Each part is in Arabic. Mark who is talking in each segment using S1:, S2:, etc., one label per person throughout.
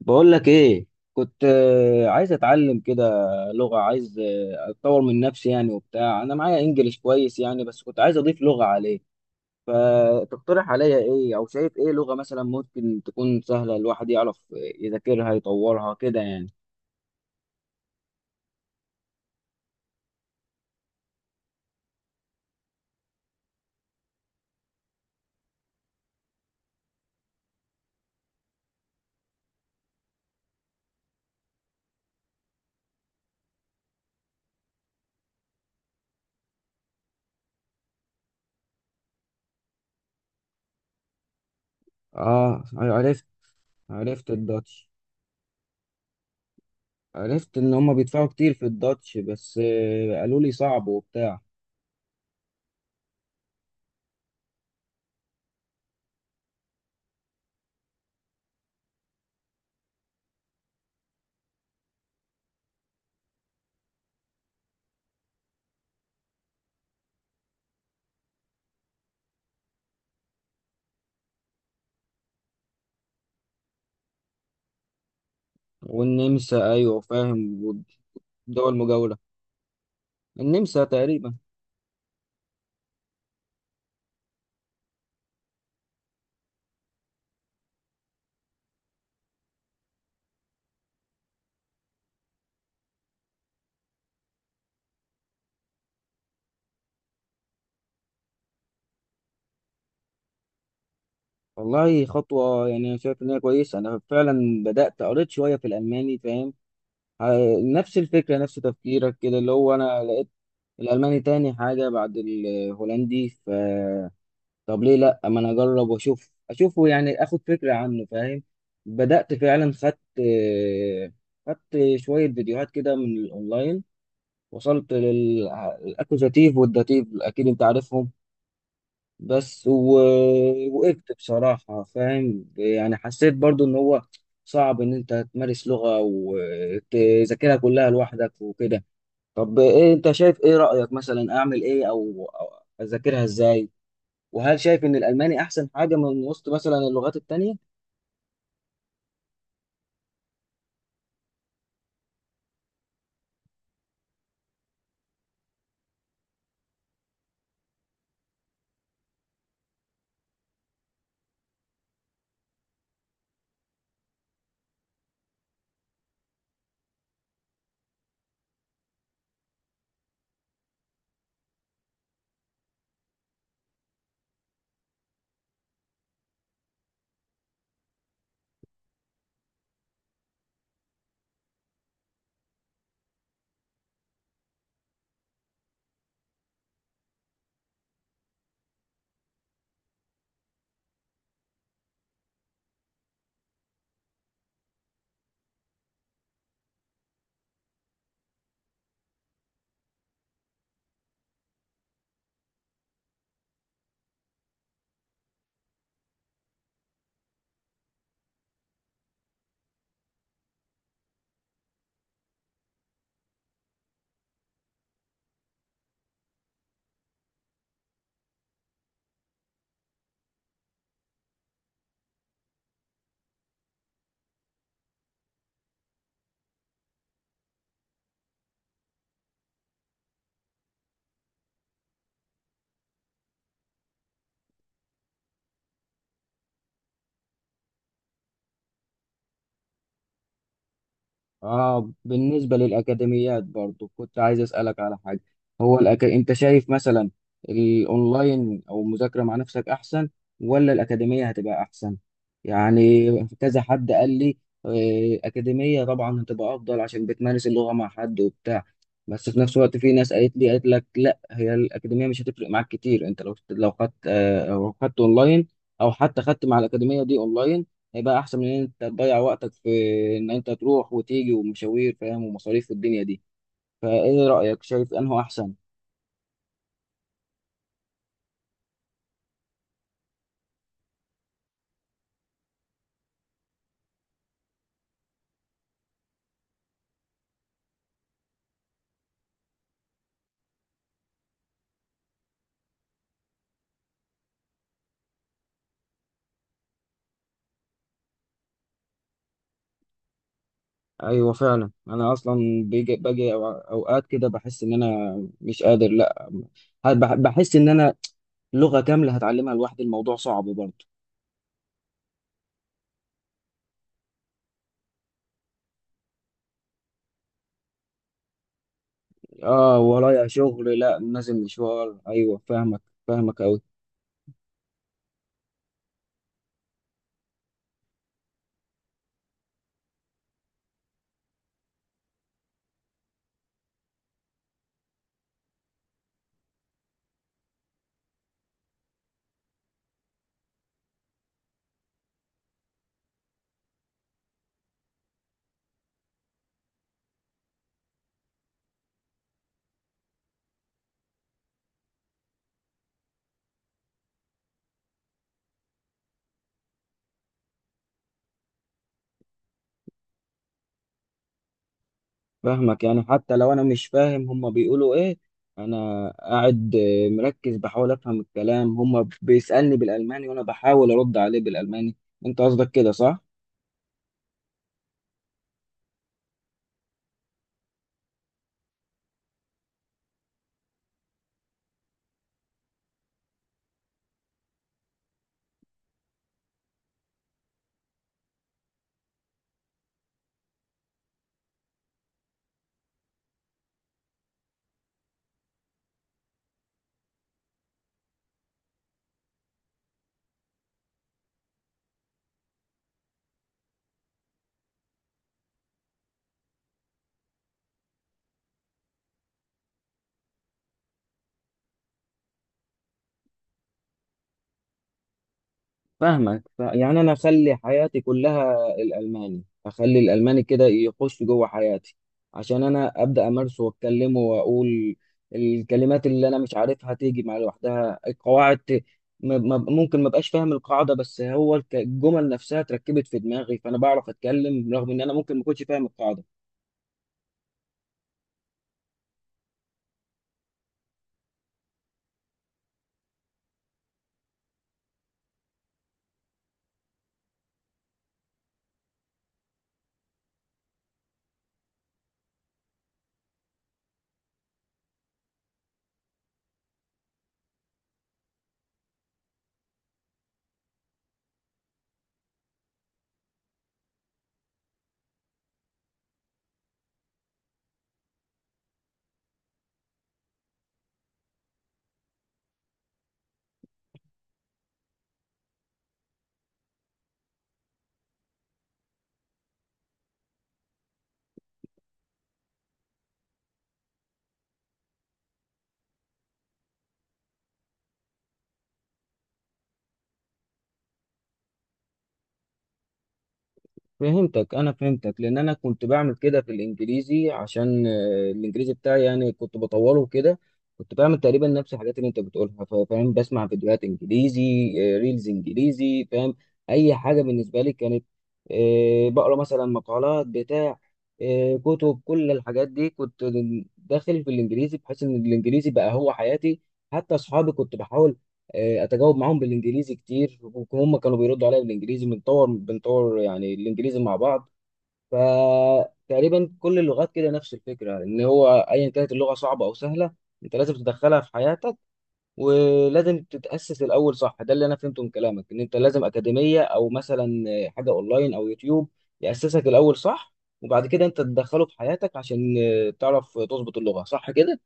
S1: بقول لك ايه. كنت عايز اتعلم كده. لغة، عايز اتطور من نفسي يعني وبتاع. انا معايا انجليش كويس يعني، بس كنت عايز اضيف لغة عليه. فتقترح عليا ايه او شايف ايه لغة مثلا ممكن تكون سهلة الواحد يعرف يذاكرها يطورها كده يعني؟ اه عرفت. عرفت الداتش. عرفت ان هما بيدفعوا كتير في الداتش، بس قالوا لي صعب وبتاع. والنمسا، ايوه فاهم. والدول المجاورة، النمسا تقريبا. والله خطوة يعني، أنا شايف إن هي كويسة. أنا فعلا بدأت قريت شوية في الألماني، فاهم. نفس الفكرة نفس تفكيرك كده، اللي هو أنا لقيت الألماني تاني حاجة بعد الهولندي. طب ليه لأ، ما أنا أجرب وأشوف أشوفه يعني، آخد فكرة عنه، فاهم. بدأت فعلا، خدت شوية فيديوهات كده من الأونلاين. وصلت للأكوزاتيف والداتيف، أكيد أنت عارفهم. بس وقفت بصراحة، فاهم يعني. حسيت برضو إن هو صعب إن أنت تمارس لغة وتذاكرها كلها لوحدك وكده. طب إيه أنت شايف، إيه رأيك مثلا أعمل إيه أو أذاكرها إزاي؟ وهل شايف إن الألماني أحسن حاجة من وسط مثلا اللغات التانية؟ اه، بالنسبة للأكاديميات برضو كنت عايز أسألك على حاجة. هو أنت شايف مثلا الأونلاين أو المذاكرة مع نفسك أحسن، ولا الأكاديمية هتبقى أحسن؟ يعني كذا حد قال لي أكاديمية طبعا هتبقى أفضل عشان بتمارس اللغة مع حد وبتاع. بس في نفس الوقت في ناس قالت لي، قالت لك لا هي الأكاديمية مش هتفرق معاك كتير، أنت لو خدت لو خدت أونلاين أو حتى خدت مع الأكاديمية دي أونلاين، هيبقى احسن من ان انت تضيع وقتك في ان انت تروح وتيجي ومشاوير، فاهم، ومصاريف والدنيا دي. فايه رايك، شايف انه احسن؟ ايوه فعلا، انا اصلا بيجي باجي أو- اوقات كده بحس ان انا مش قادر، لا، بحس ان انا لغه كامله هتعلمها لوحدي، الموضوع صعب برضه. اه ورايا شغل، لا نازل مشوار، ايوه فاهمك، فاهمك قوي. فاهمك يعني حتى لو انا مش فاهم هما بيقولوا ايه، انا قاعد مركز بحاول افهم الكلام. هما بيسألني بالالماني وانا بحاول ارد عليه بالالماني، انت قصدك كده صح؟ فاهمك. يعني انا اخلي حياتي كلها الالماني، اخلي الالماني كده يخش جوه حياتي عشان انا ابدا امارسه واتكلمه واقول الكلمات اللي انا مش عارفها تيجي مع لوحدها، القواعد م... ممكن ما بقاش فاهم القاعده، بس هو الجمل نفسها اتركبت في دماغي فانا بعرف اتكلم رغم ان انا ممكن ما كنتش فاهم القاعده. فهمتك، انا فهمتك، لان انا كنت بعمل كده في الانجليزي عشان الانجليزي بتاعي يعني كنت بطوله كده. كنت بعمل تقريبا نفس الحاجات اللي انت بتقولها، فاهم. بسمع فيديوهات انجليزي، ريلز انجليزي، فاهم. اي حاجه بالنسبه لي كانت، بقرا مثلا مقالات بتاع، كتب. كل الحاجات دي كنت داخل في الانجليزي بحيث ان الانجليزي بقى هو حياتي. حتى اصحابي كنت بحاول اتجاوب معاهم بالانجليزي كتير وهم كانوا بيردوا عليا بالانجليزي، بنطور بنطور يعني الانجليزي مع بعض. فتقريبا كل اللغات كده نفس الفكره، ان هو ايا كانت اللغه صعبه او سهله انت لازم تدخلها في حياتك، ولازم تتاسس الاول صح. ده اللي انا فهمته من كلامك، ان انت لازم اكاديميه او مثلا حاجه اونلاين او يوتيوب ياسسك الاول صح، وبعد كده انت تدخله في حياتك عشان تعرف تظبط اللغه صح كده.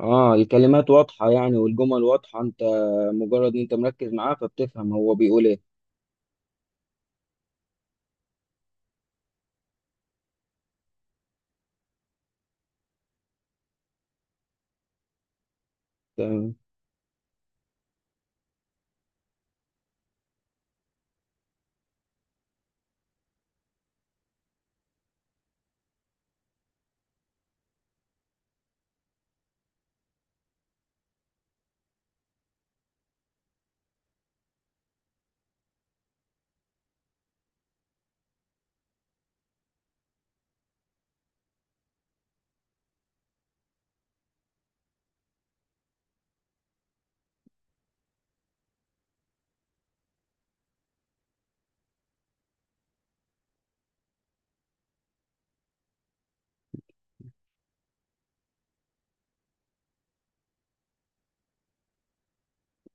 S1: اه الكلمات واضحة يعني، والجمل واضحة. انت مجرد ان انت مركز معاه فبتفهم هو بيقول ايه. تمام.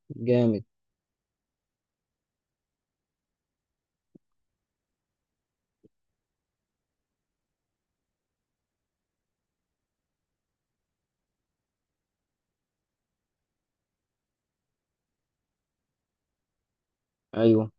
S1: جامد. ايوه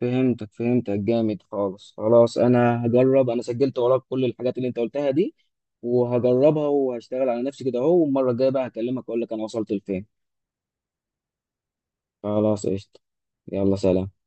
S1: فهمتك، فهمتك جامد خالص. خلاص انا هجرب، انا سجلت وراك كل الحاجات اللي انت قلتها دي وهجربها وهشتغل على نفسي كده اهو. والمرة الجاية بقى هكلمك اقول لك انا وصلت لفين. خلاص قشطة، يلا سلام.